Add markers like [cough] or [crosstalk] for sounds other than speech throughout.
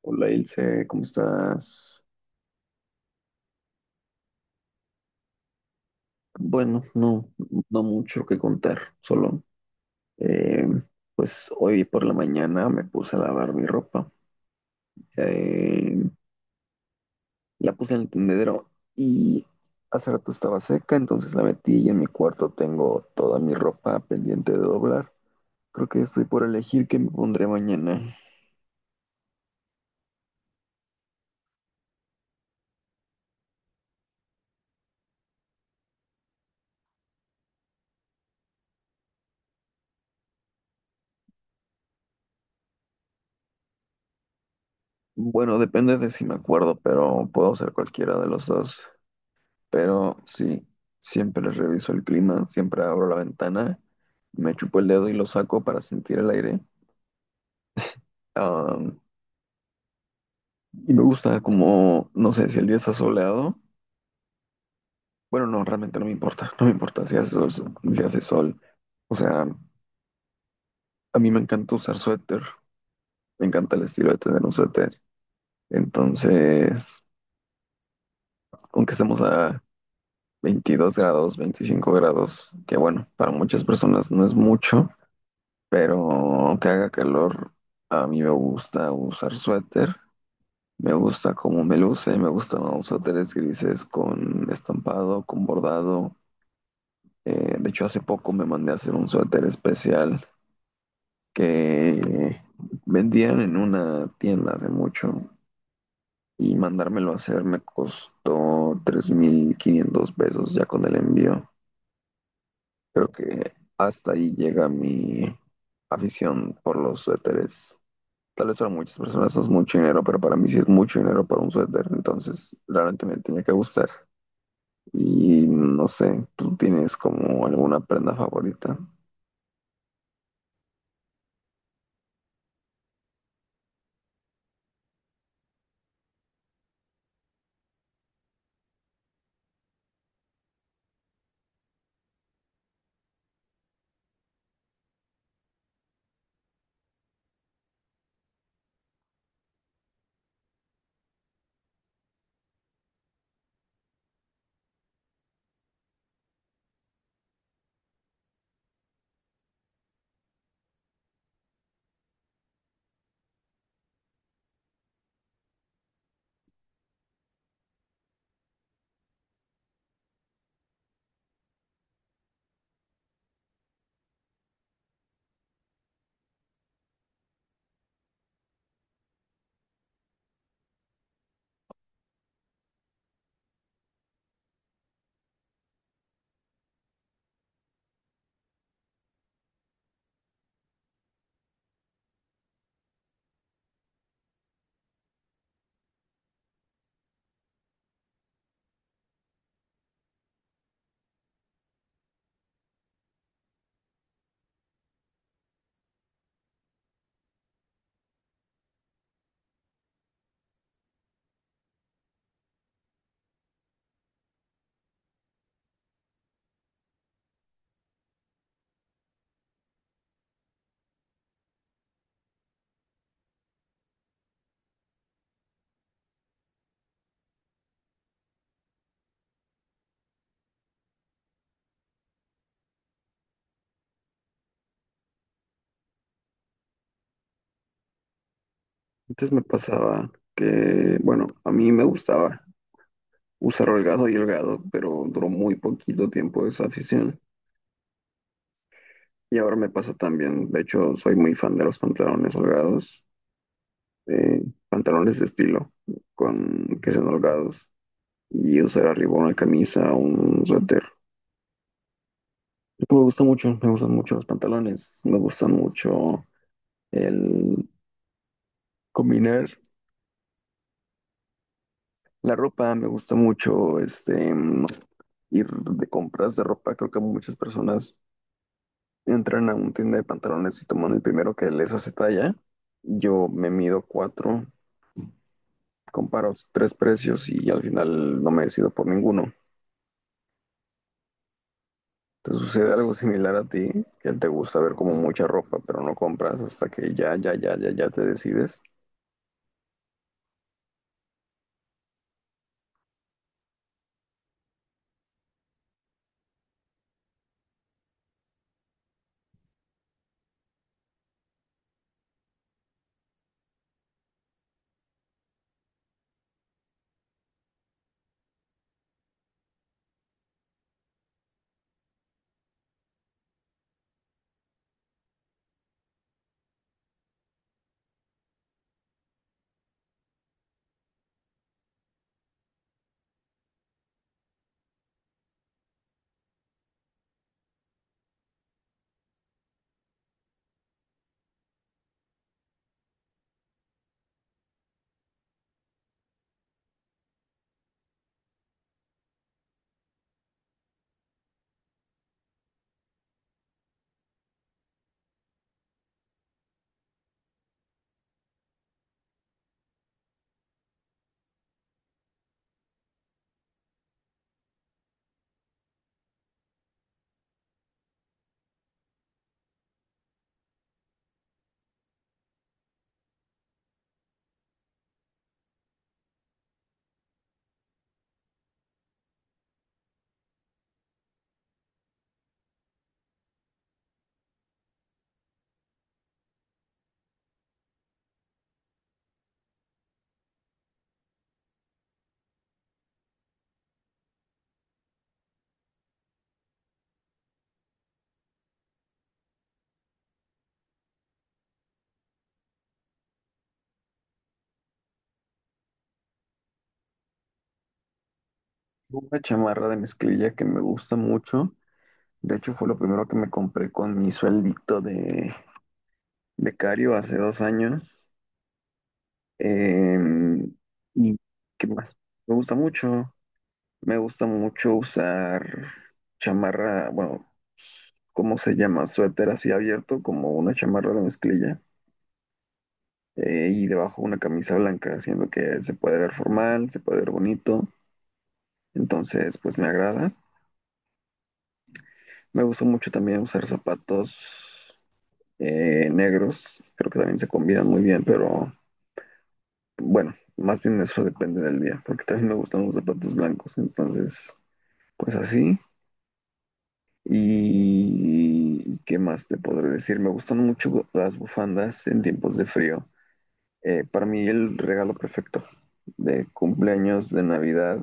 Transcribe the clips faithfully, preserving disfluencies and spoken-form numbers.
Hola Ilse, ¿cómo estás? Bueno, no, no mucho que contar, solo eh, pues hoy por la mañana me puse a lavar mi ropa, eh, la puse en el tendedero y hace rato estaba seca, entonces la metí y en mi cuarto tengo toda mi ropa pendiente de doblar. Creo que estoy por elegir qué me pondré mañana. Bueno, depende de si me acuerdo, pero puedo hacer cualquiera de los dos. Pero sí, siempre reviso el clima, siempre abro la ventana, me chupo el dedo y lo saco para sentir el aire. Am, y me gusta como, no sé, si el día está soleado. Bueno, no, realmente no me importa, no me importa si hace sol, si hace sol. O sea, a mí me encanta usar suéter, me encanta el estilo de tener un suéter. Entonces, aunque estemos a veintidós grados, veinticinco grados, que bueno, para muchas personas no es mucho. Pero aunque haga calor, a mí me gusta usar suéter. Me gusta cómo me luce, me gustan los suéteres grises con estampado, con bordado. Eh, de hecho, hace poco me mandé a hacer un suéter especial que vendían en una tienda hace mucho y mandármelo a hacer me costó tres mil quinientos pesos ya con el envío. Creo que hasta ahí llega mi afición por los suéteres. Tal vez para muchas personas no es mucho dinero, pero para mí sí es mucho dinero para un suéter, entonces realmente me tenía que gustar. Y no sé, ¿tú tienes como alguna prenda favorita? Antes me pasaba que, bueno, a mí me gustaba usar holgado y holgado, pero duró muy poquito tiempo esa afición. Y ahora me pasa también, de hecho, soy muy fan de los pantalones holgados, eh, pantalones de estilo, con que sean holgados, y usar arriba una camisa, o un suéter. Pues, me gusta mucho, me gustan mucho los pantalones, me gusta mucho el combinar la ropa, me gusta mucho este mm, ir de compras de ropa. Creo que muchas personas entran a una tienda de pantalones y toman el primero que les hace talla. Yo me mido cuatro, comparo tres precios y al final no me decido por ninguno. ¿Te sucede algo similar a ti? Que te gusta ver como mucha ropa, pero no compras hasta que ya, ya, ya, ya, ya te decides. Una chamarra de mezclilla que me gusta mucho. De hecho, fue lo primero que me compré con mi sueldito de becario hace dos años. Em, ¿Y qué más? Me gusta mucho. Me gusta mucho usar chamarra, bueno, ¿cómo se llama? Suéter así abierto, como una chamarra de mezclilla. Eh, y debajo una camisa blanca, haciendo que se puede ver formal, se puede ver bonito. Entonces, pues me agrada. Me gusta mucho también usar zapatos eh, negros, creo que también se combinan muy bien, pero bueno, más bien eso depende del día, porque también me gustan los zapatos blancos, entonces, pues así. ¿Y qué más te podré decir? Me gustan mucho las bufandas en tiempos de frío. Eh, para mí el regalo perfecto de cumpleaños, de Navidad,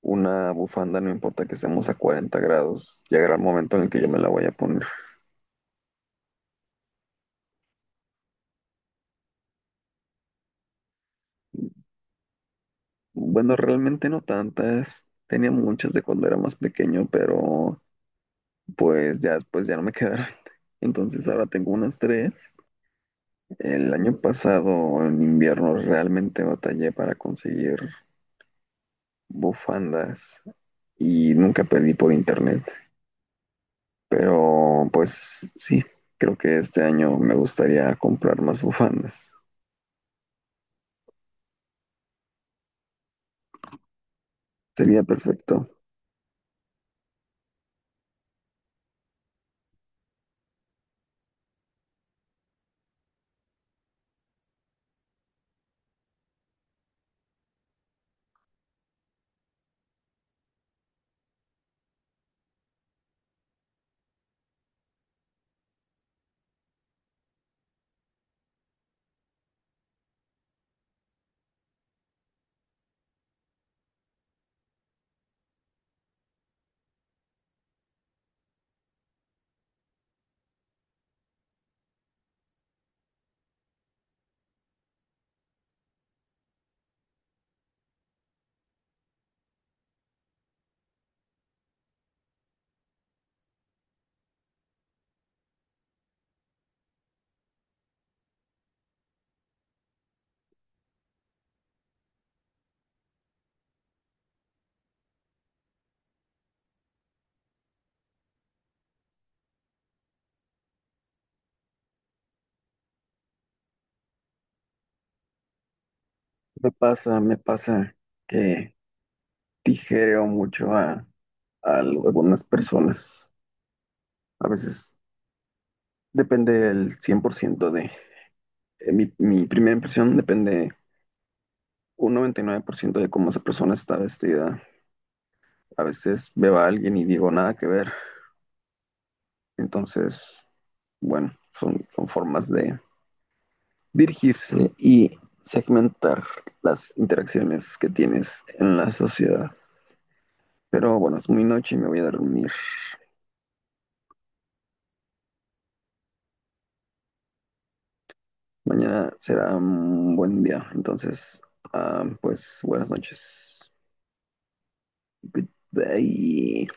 una bufanda, no importa que estemos a cuarenta grados, llegará el momento en el que yo me la voy a poner. Bueno, realmente no tantas, tenía muchas de cuando era más pequeño, pero pues ya después ya no me quedaron. [laughs] Entonces ahora tengo unas tres. El año pasado, en invierno, realmente batallé para conseguir bufandas y nunca pedí por internet. Pero pues sí, creo que este año me gustaría comprar más bufandas. Sería perfecto. Me pasa, me pasa que tijereo mucho a, a algunas personas. A veces depende del cien por ciento de... eh, mi, mi primera impresión depende un noventa y nueve por ciento de cómo esa persona está vestida. A veces veo a alguien y digo nada que ver. Entonces, bueno, son, son formas de dirigirse y segmentar las interacciones que tienes en la sociedad. Pero bueno, es muy noche y me voy a dormir. Mañana será un buen día. Entonces, ah, pues buenas noches. Good day.